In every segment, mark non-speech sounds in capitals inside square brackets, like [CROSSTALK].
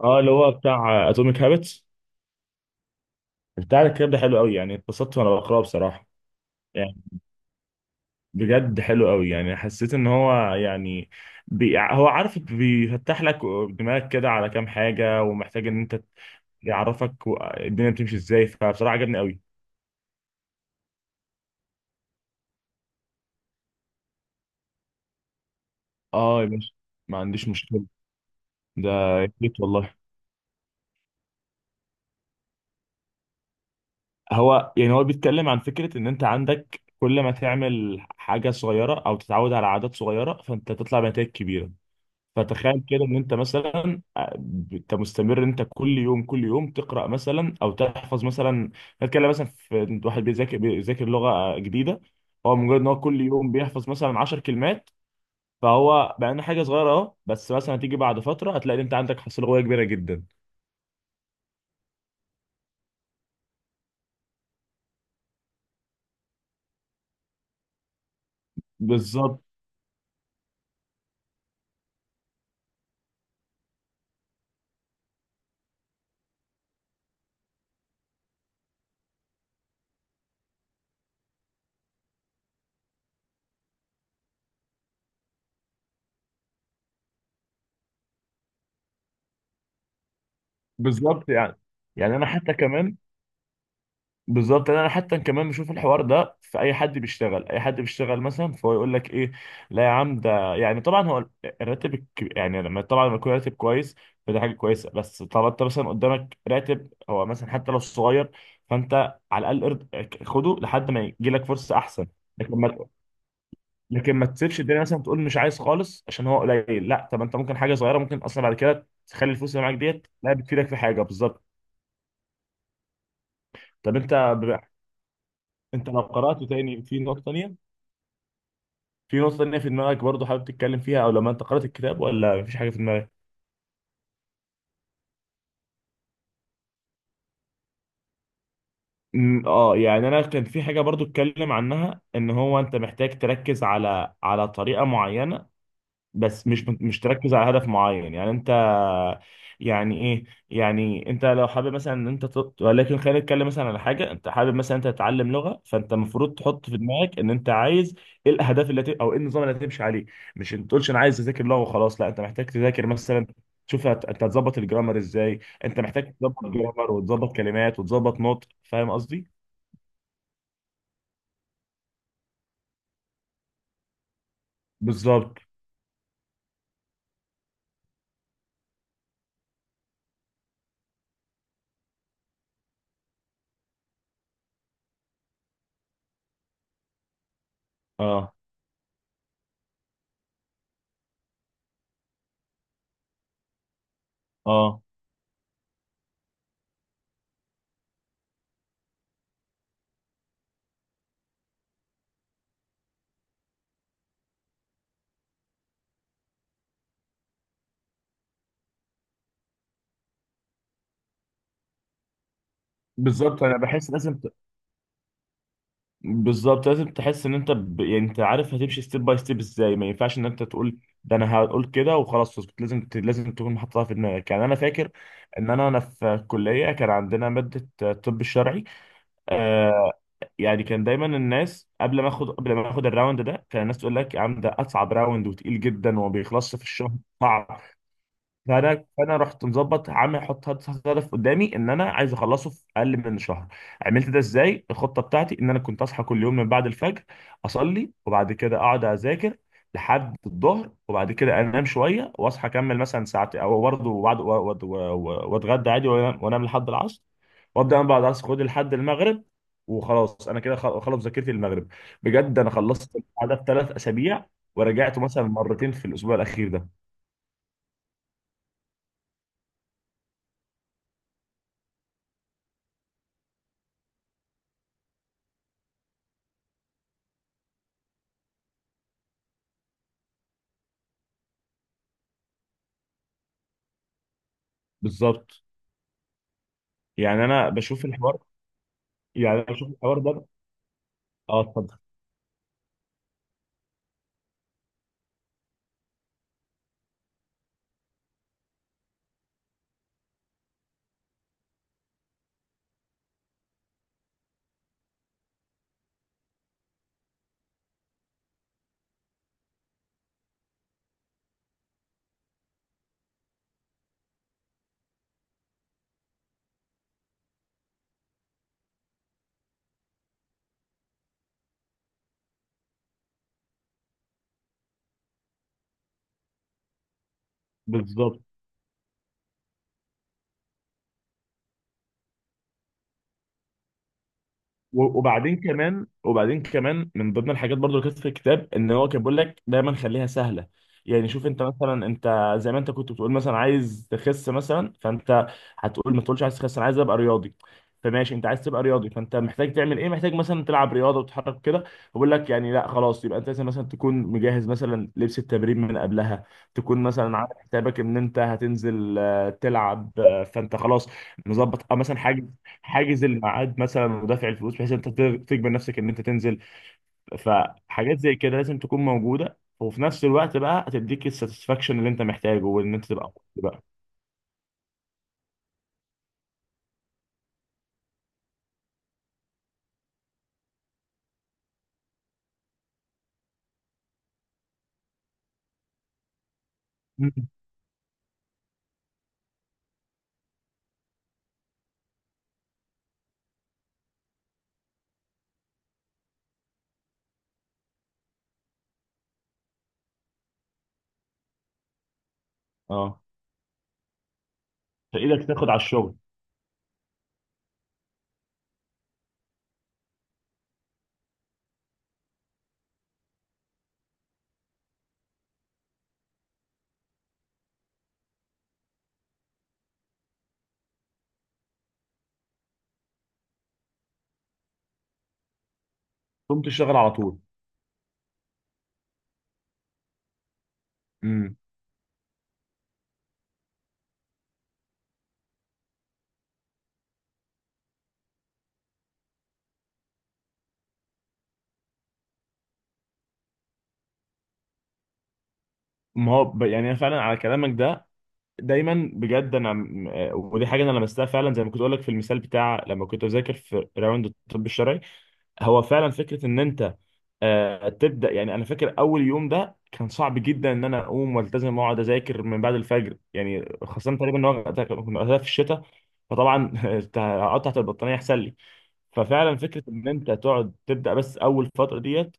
اه، اللي هو بتاع اتوميك هابتس. بتاع الكتاب ده حلو قوي، يعني اتبسطت وانا بقراه بصراحه. يعني بجد حلو قوي، يعني حسيت ان هو يعني هو عارف بيفتح لك دماغك كده على كام حاجه، ومحتاج ان انت يعرفك، الدنيا بتمشي ازاي، فبصراحه عجبني قوي. اه يا باشا، ما عنديش مشكله. ده جيت والله. هو بيتكلم عن فكره ان انت عندك، كل ما تعمل حاجه صغيره او تتعود على عادات صغيره فانت تطلع بنتائج كبيره. فتخيل كده ان انت مثلا، انت مستمر إن انت كل يوم كل يوم تقرا مثلا او تحفظ مثلا. نتكلم مثلا في واحد بيذاكر لغه جديده. هو مجرد ان هو كل يوم بيحفظ مثلا 10 كلمات، فهو بقى إنه حاجه صغيره، بس مثلا هتيجي بعد فتره هتلاقي إن انت عندك حصيله لغويه كبيره جدا. بالظبط. بالظبط، يعني انا حتى كمان. بالظبط انا حتى كمان بشوف الحوار ده، في اي حد بيشتغل، اي حد بيشتغل مثلا، فهو يقول لك ايه: لا يا عم، ده يعني طبعا هو يعني لما، طبعا لما يكون راتب كويس، فده حاجه كويسه. بس طبعا انت مثلا قدامك راتب هو مثلا حتى لو صغير، فانت على الاقل خده لحد ما يجي لك فرصه احسن. لكن ما لكن ما تسيبش الدنيا مثلا تقول مش عايز خالص، عشان هو قليل. لا، طب انت ممكن حاجه صغيره، ممكن اصلا بعد كده تخلي الفلوس اللي معاك ديت لا بتفيدك في حاجه بالظبط. طب انت ب- انت لو قرات تاني في نقطه تانيه في نقطة تانية في دماغك، برضو حابب تتكلم فيها، أو لما أنت قرأت الكتاب ولا مفيش حاجة في دماغك؟ يعني أنا كان في حاجة برضو اتكلم عنها، إن هو أنت محتاج تركز على طريقة معينة، بس مش تركز على هدف معين. يعني انت، يعني ايه، يعني انت لو حابب مثلا ان انت ولكن خلينا نتكلم مثلا على حاجه، انت حابب مثلا انت تتعلم لغه، فانت المفروض تحط في دماغك ان انت عايز ايه او ايه النظام اللي هتمشي عليه. مش انت تقولش انا عايز اذاكر لغه وخلاص، لا انت محتاج تذاكر مثلا، انت هتظبط الجرامر ازاي، انت محتاج تظبط جرامر وتظبط كلمات وتظبط نطق، فاهم قصدي. بالظبط. اه، اه. بالظبط انا بحس لازم، بالظبط لازم تحس ان انت يعني انت عارف هتمشي ستيب باي ستيب ازاي. ما ينفعش ان انت تقول ده انا هقول كده وخلاص اسكت، لازم تكون محطها في دماغك. يعني انا فاكر ان انا في الكليه كان عندنا ماده الطب الشرعي. آه يعني كان دايما الناس، قبل ما اخد الراوند ده، كان الناس تقول لك يا عم ده اصعب راوند، وتقيل جدا وما بيخلصش في الشهر، صعب. فانا رحت مظبط عامل، حط حط حط هدف قدامي ان انا عايز اخلصه في اقل من شهر. عملت ده ازاي؟ الخطه بتاعتي ان انا كنت اصحى كل يوم من بعد الفجر، اصلي وبعد كده اقعد اذاكر لحد الظهر، وبعد كده انام شويه واصحى اكمل مثلا ساعتين او برضه، وبعد واتغدى عادي وأنام لحد العصر. وابدا انا بعد العصر، خد لحد المغرب، وخلاص انا كده خلص مذاكرتي للمغرب. بجد انا خلصت البتاع ده في 3 اسابيع، ورجعت مثلا مرتين في الاسبوع الاخير ده. بالظبط. يعني انا بشوف الحوار يعني انا بشوف الحوار ده. اه، اتفضل. بالظبط. وبعدين كمان من ضمن الحاجات برضو اللي كانت في الكتاب، ان هو كان بيقول لك دايما خليها سهله. يعني شوف انت مثلا، انت زي ما انت كنت بتقول مثلا عايز تخس مثلا، فانت هتقول، ما تقولش عايز تخس، انا عايز ابقى رياضي. فماشي انت عايز تبقى رياضي، فانت محتاج تعمل ايه؟ محتاج مثلا تلعب رياضه وتتحرك كده. بقول لك يعني، لا خلاص، يبقى انت لازم مثلا تكون مجهز مثلا لبس التمرين من قبلها، تكون مثلا عامل حسابك ان انت هتنزل، تلعب فانت خلاص مظبط، مثلا حاجه، حاجز الميعاد مثلا ودافع الفلوس بحيث انت تجبر نفسك ان انت تنزل. فحاجات زي كده لازم تكون موجوده، وفي نفس الوقت بقى هتديك الساتسفاكشن اللي انت محتاجه، وان انت تبقى مبسوط بقى. مم. اه، فايدك تاخد على الشغل، تقوم تشتغل على طول. امم ما هو ب... يعني انا فعلا على كلامك ده، دايما بجد، انا ودي حاجه انا لمستها فعلا، زي ما كنت اقول لك في المثال بتاع لما كنت بذاكر في راوند الطب الشرعي. هو فعلا فكره ان انت تبدا. يعني انا فاكر اول يوم ده كان صعب جدا، ان انا اقوم والتزم واقعد اذاكر من بعد الفجر، يعني خاصه تقريبا ان هو كنا وقتها في الشتاء، فطبعا [LAUGHS] قطعت البطانيه احسن لي. ففعلا فكره ان انت تقعد تبدا بس اول فتره ديت،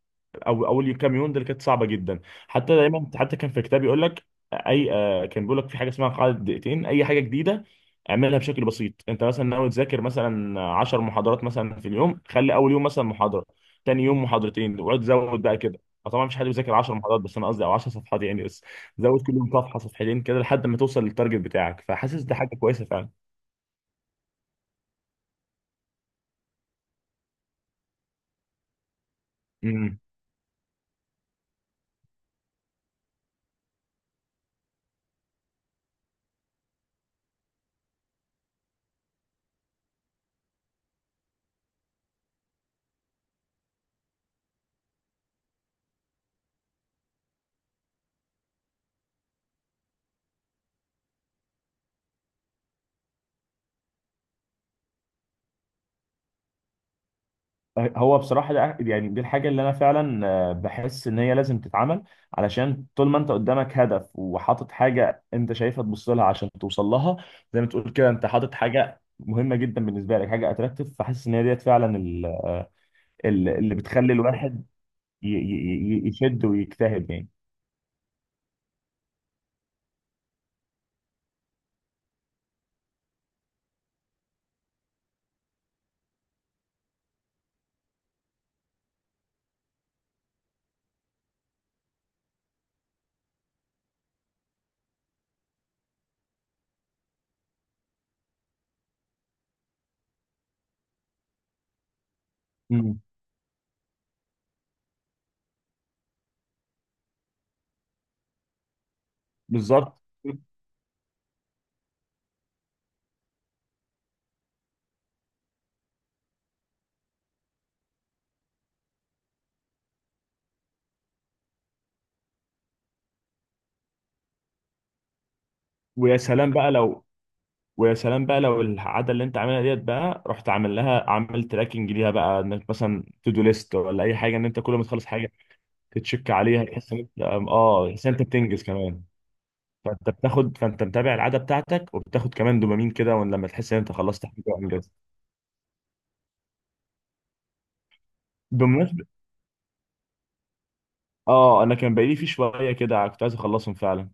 او اول كام يوم دي، كانت صعبه جدا. حتى دايما، حتى كان في كتاب يقول لك، كان بيقول لك في حاجه اسمها قاعده دقيقتين، اي حاجه جديده اعملها بشكل بسيط. انت مثلا ناوي تذاكر مثلا 10 محاضرات مثلا في اليوم، خلي اول يوم مثلا محاضره، تاني يوم محاضرتين، واقعد زود بقى كده. أو طبعا مفيش حد بيذاكر 10 محاضرات بس، انا قصدي او 10 صفحات يعني بس. زود كل يوم صفحه، صفحتين، كده لحد ما توصل للتارجت بتاعك، فحاسس دي حاجه كويسه. فعلا، هو بصراحة ده يعني دي الحاجة اللي أنا فعلا بحس إن هي لازم تتعمل. علشان طول ما أنت قدامك هدف، وحاطط حاجة أنت شايفها تبص لها عشان توصل لها، زي ما تقول كده، أنت حاطط حاجة مهمة جدا بالنسبة لك، حاجة أتراكتيف. فحاسس إن هي ديت فعلا اللي بتخلي الواحد يشد ويجتهد يعني. مم. بالظبط. ويا سلام بقى لو ويا سلام بقى لو العاده اللي انت عاملها ديت بقى، رحت عامل لها، عامل تراكنج ليها بقى، انك مثلا تو دو ليست ولا اي حاجه، ان انت كل ما تخلص حاجه تتشك عليها، تحس ان انت، اه تحس ان انت بتنجز كمان. فانت بتاخد، فانت متابع العاده بتاعتك، وبتاخد كمان دوبامين كده، وان لما تحس ان انت خلصت حاجه وانجزت. بمناسبه، اه، انا كان بقالي في شويه كده كنت عايز اخلصهم فعلا.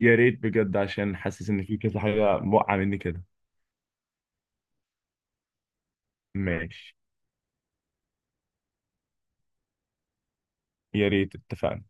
يا ريت بجد، عشان حاسس ان في كذا حاجه موقعه مني كده. ماشي. يا ريت، اتفقنا.